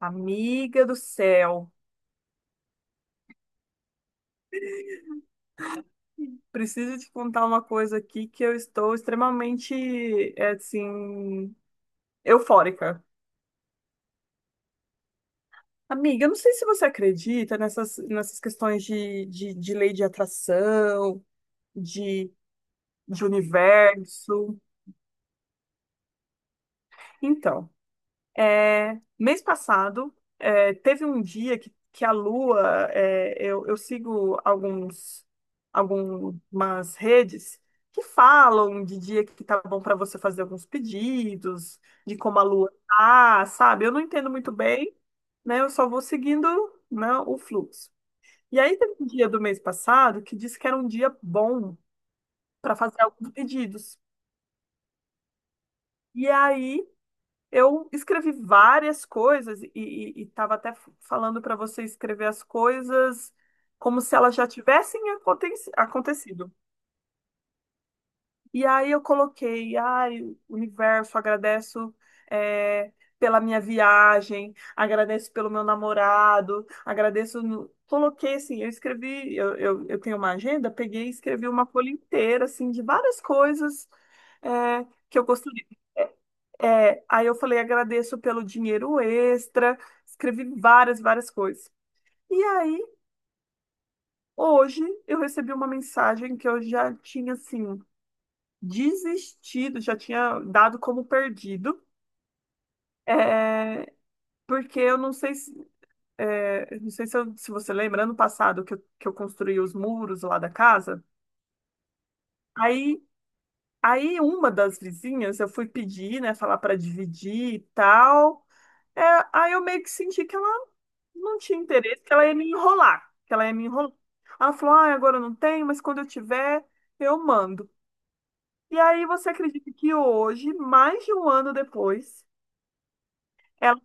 Amiga do céu, preciso te contar uma coisa aqui que eu estou extremamente, assim, eufórica. Amiga, eu não sei se você acredita nessas questões de lei de atração, de, de universo. Então, mês passado, teve um dia que a Lua, eu sigo algumas redes que falam de dia que tá bom para você fazer alguns pedidos, de como a Lua tá, sabe? Eu não entendo muito bem, né? Eu só vou seguindo, né, o fluxo. E aí teve um dia do mês passado que disse que era um dia bom para fazer alguns pedidos. E aí, eu escrevi várias coisas e estava até falando para você escrever as coisas como se elas já tivessem acontecido. E aí eu coloquei, ai, universo, agradeço é, pela minha viagem, agradeço pelo meu namorado, agradeço. Coloquei assim, eu escrevi, eu tenho uma agenda, peguei e escrevi uma folha inteira assim de várias coisas é, que eu gostaria. Aí eu falei, agradeço pelo dinheiro extra, escrevi várias coisas. E aí, hoje, eu recebi uma mensagem que eu já tinha, assim, desistido, já tinha dado como perdido, é, porque eu não sei se, não sei se, se você lembra, ano passado que eu construí os muros lá da casa, aí, aí uma das vizinhas, eu fui pedir, né, falar para dividir e tal. É, Aí eu meio que senti que ela não tinha interesse, que ela ia me enrolar, que ela ia me enrolar. Ela falou, ah, agora eu não tenho, mas quando eu tiver, eu mando. E aí você acredita que hoje, mais de um ano depois, ela,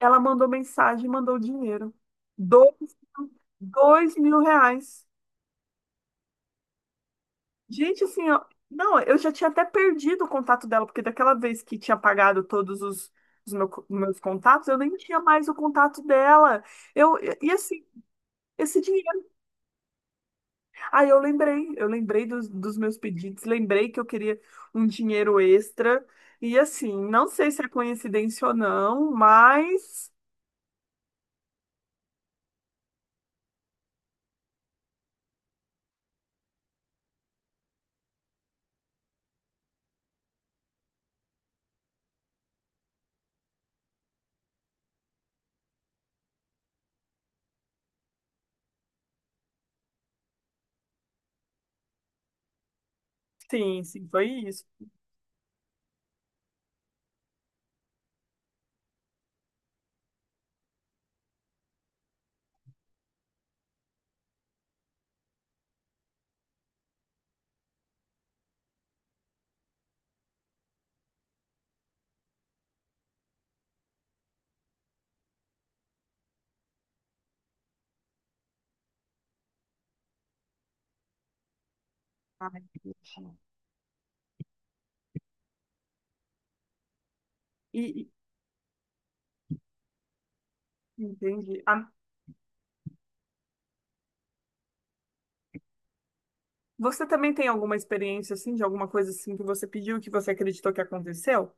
ela mandou mensagem, e mandou dinheiro. Dois, R$ 2.000. Gente, assim, ó, não, eu já tinha até perdido o contato dela, porque daquela vez que tinha pagado todos meus contatos, eu nem tinha mais o contato dela. E assim, esse aí eu lembrei dos meus pedidos, lembrei que eu queria um dinheiro extra. E assim, não sei se é coincidência ou não, mas sim, sim, foi isso. Ai, entendi. E, e- Entendi. Ah, você também tem alguma experiência assim, de alguma coisa assim que você pediu, que você acreditou que aconteceu?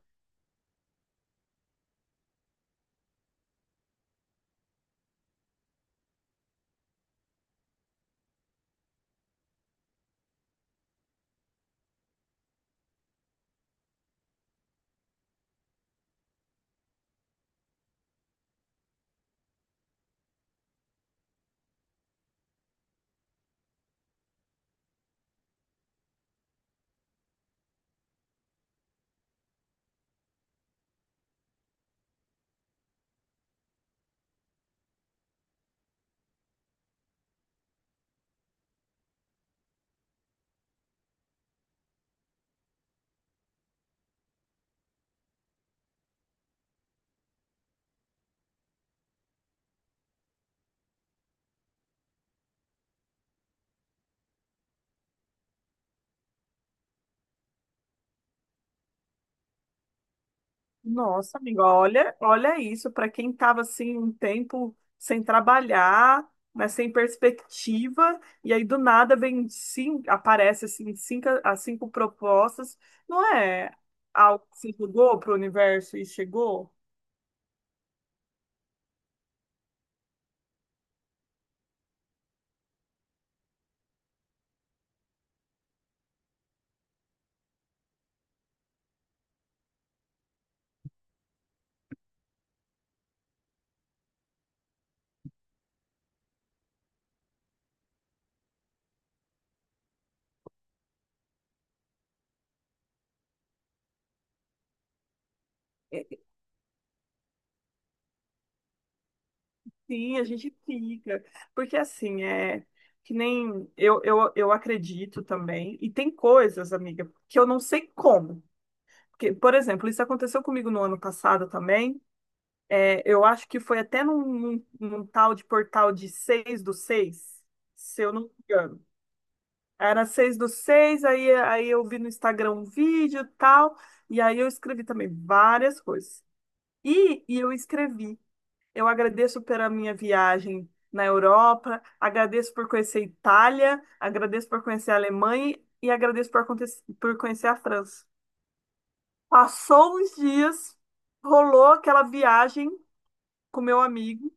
Nossa, amigo, olha, olha isso, para quem estava assim um tempo sem trabalhar, né, sem perspectiva, e aí do nada vem cinco, aparece assim cinco, as cinco propostas, não é algo que se jogou para o universo e chegou? É, Sim, a gente fica, porque assim, é que nem eu, eu acredito também, e tem coisas, amiga, que eu não sei como. Porque, por exemplo, isso aconteceu comigo no ano passado também. Eu acho que foi até num, num tal de portal de 6 do 6, se eu não me engano. Era 6 do 6 aí, eu vi no Instagram um vídeo e tal, e aí eu escrevi também várias coisas. E eu escrevi. Eu agradeço pela minha viagem na Europa, agradeço por conhecer a Itália, agradeço por conhecer a Alemanha e agradeço por conhecer a França. Passou uns dias, rolou aquela viagem com meu amigo,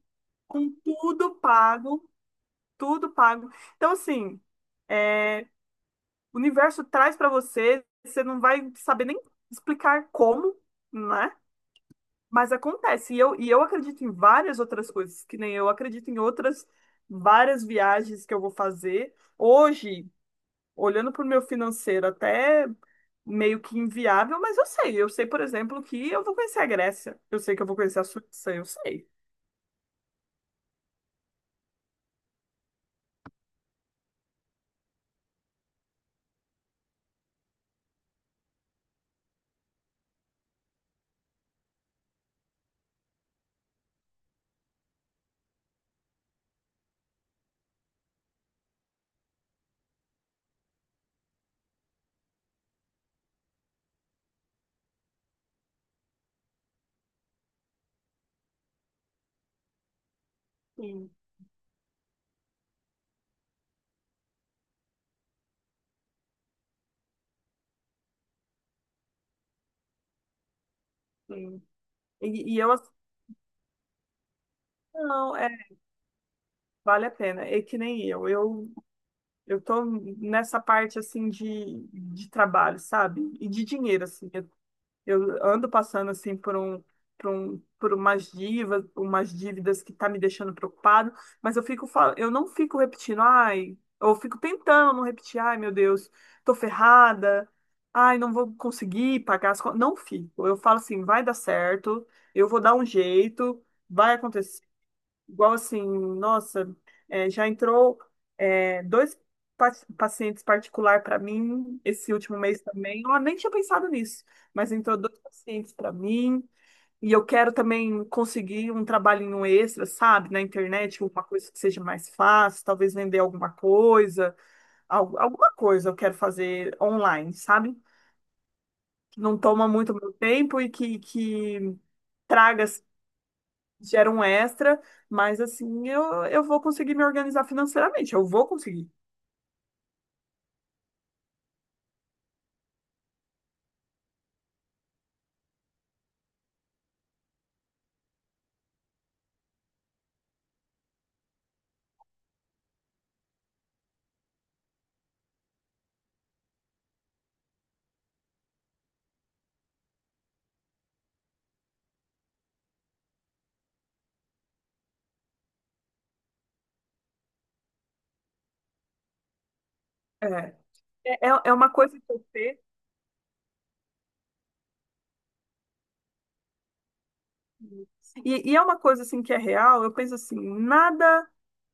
com tudo pago, tudo pago. Então, assim, é, o universo traz para você, você não vai saber nem explicar como, né? Mas acontece. E eu acredito em várias outras coisas, que nem eu acredito em outras várias viagens que eu vou fazer. Hoje, olhando para o meu financeiro, até meio que inviável, mas eu sei. Eu sei, por exemplo, que eu vou conhecer a Grécia. Eu sei que eu vou conhecer a Suíça, eu sei. Sim, sim. E eu, assim, não, vale a pena. É que nem eu. Eu tô nessa parte assim de trabalho, sabe? E de dinheiro assim. Eu ando passando assim por umas dívidas, que tá me deixando preocupado, mas eu não fico repetindo, ai, eu fico tentando não repetir, ai, meu Deus, tô ferrada. Ai, não vou conseguir pagar as contas. Não fico. Eu falo assim, vai dar certo, eu vou dar um jeito, vai acontecer. Igual assim, nossa, já entrou, dois pa- pacientes particular para mim esse último mês também. Eu nem tinha pensado nisso, mas entrou dois pacientes para mim. E eu quero também conseguir um trabalhinho extra, sabe, na internet, alguma coisa que seja mais fácil, talvez vender alguma coisa, alguma coisa eu quero fazer online, sabe? Que não toma muito meu tempo e que traga gera um extra, mas assim, eu vou conseguir me organizar financeiramente, eu vou conseguir. É, é uma coisa que eu penso, e é uma coisa assim que é real, eu penso assim, nada,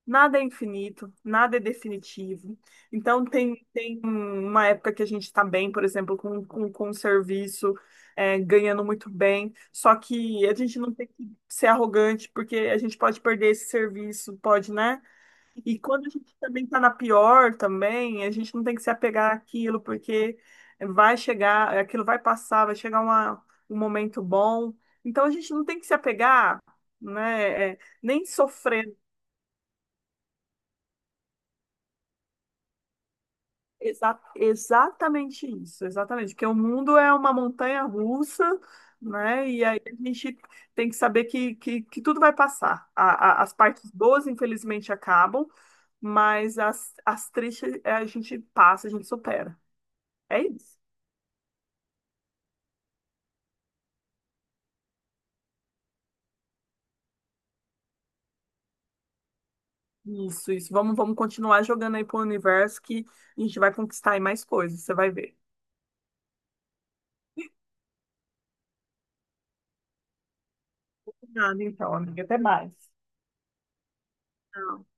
nada é infinito, nada é definitivo. Então tem uma época que a gente está bem, por exemplo, com um serviço, ganhando muito bem, só que a gente não tem que ser arrogante, porque a gente pode perder esse serviço, pode, né? E quando a gente também tá na pior também, a gente não tem que se apegar àquilo, porque vai chegar, aquilo vai passar, vai chegar um momento bom. Então a gente não tem que se apegar, né, nem sofrer. Exatamente isso, exatamente. Porque o mundo é uma montanha russa, né? E aí a gente tem que saber que tudo vai passar. As partes boas, infelizmente, acabam, mas as tristes, a gente passa, a gente supera. É isso. Isso, isso. Vamos continuar jogando aí pro universo que a gente vai conquistar aí mais coisas, você vai ver. Nada, então, amiga. Até mais. Tchau.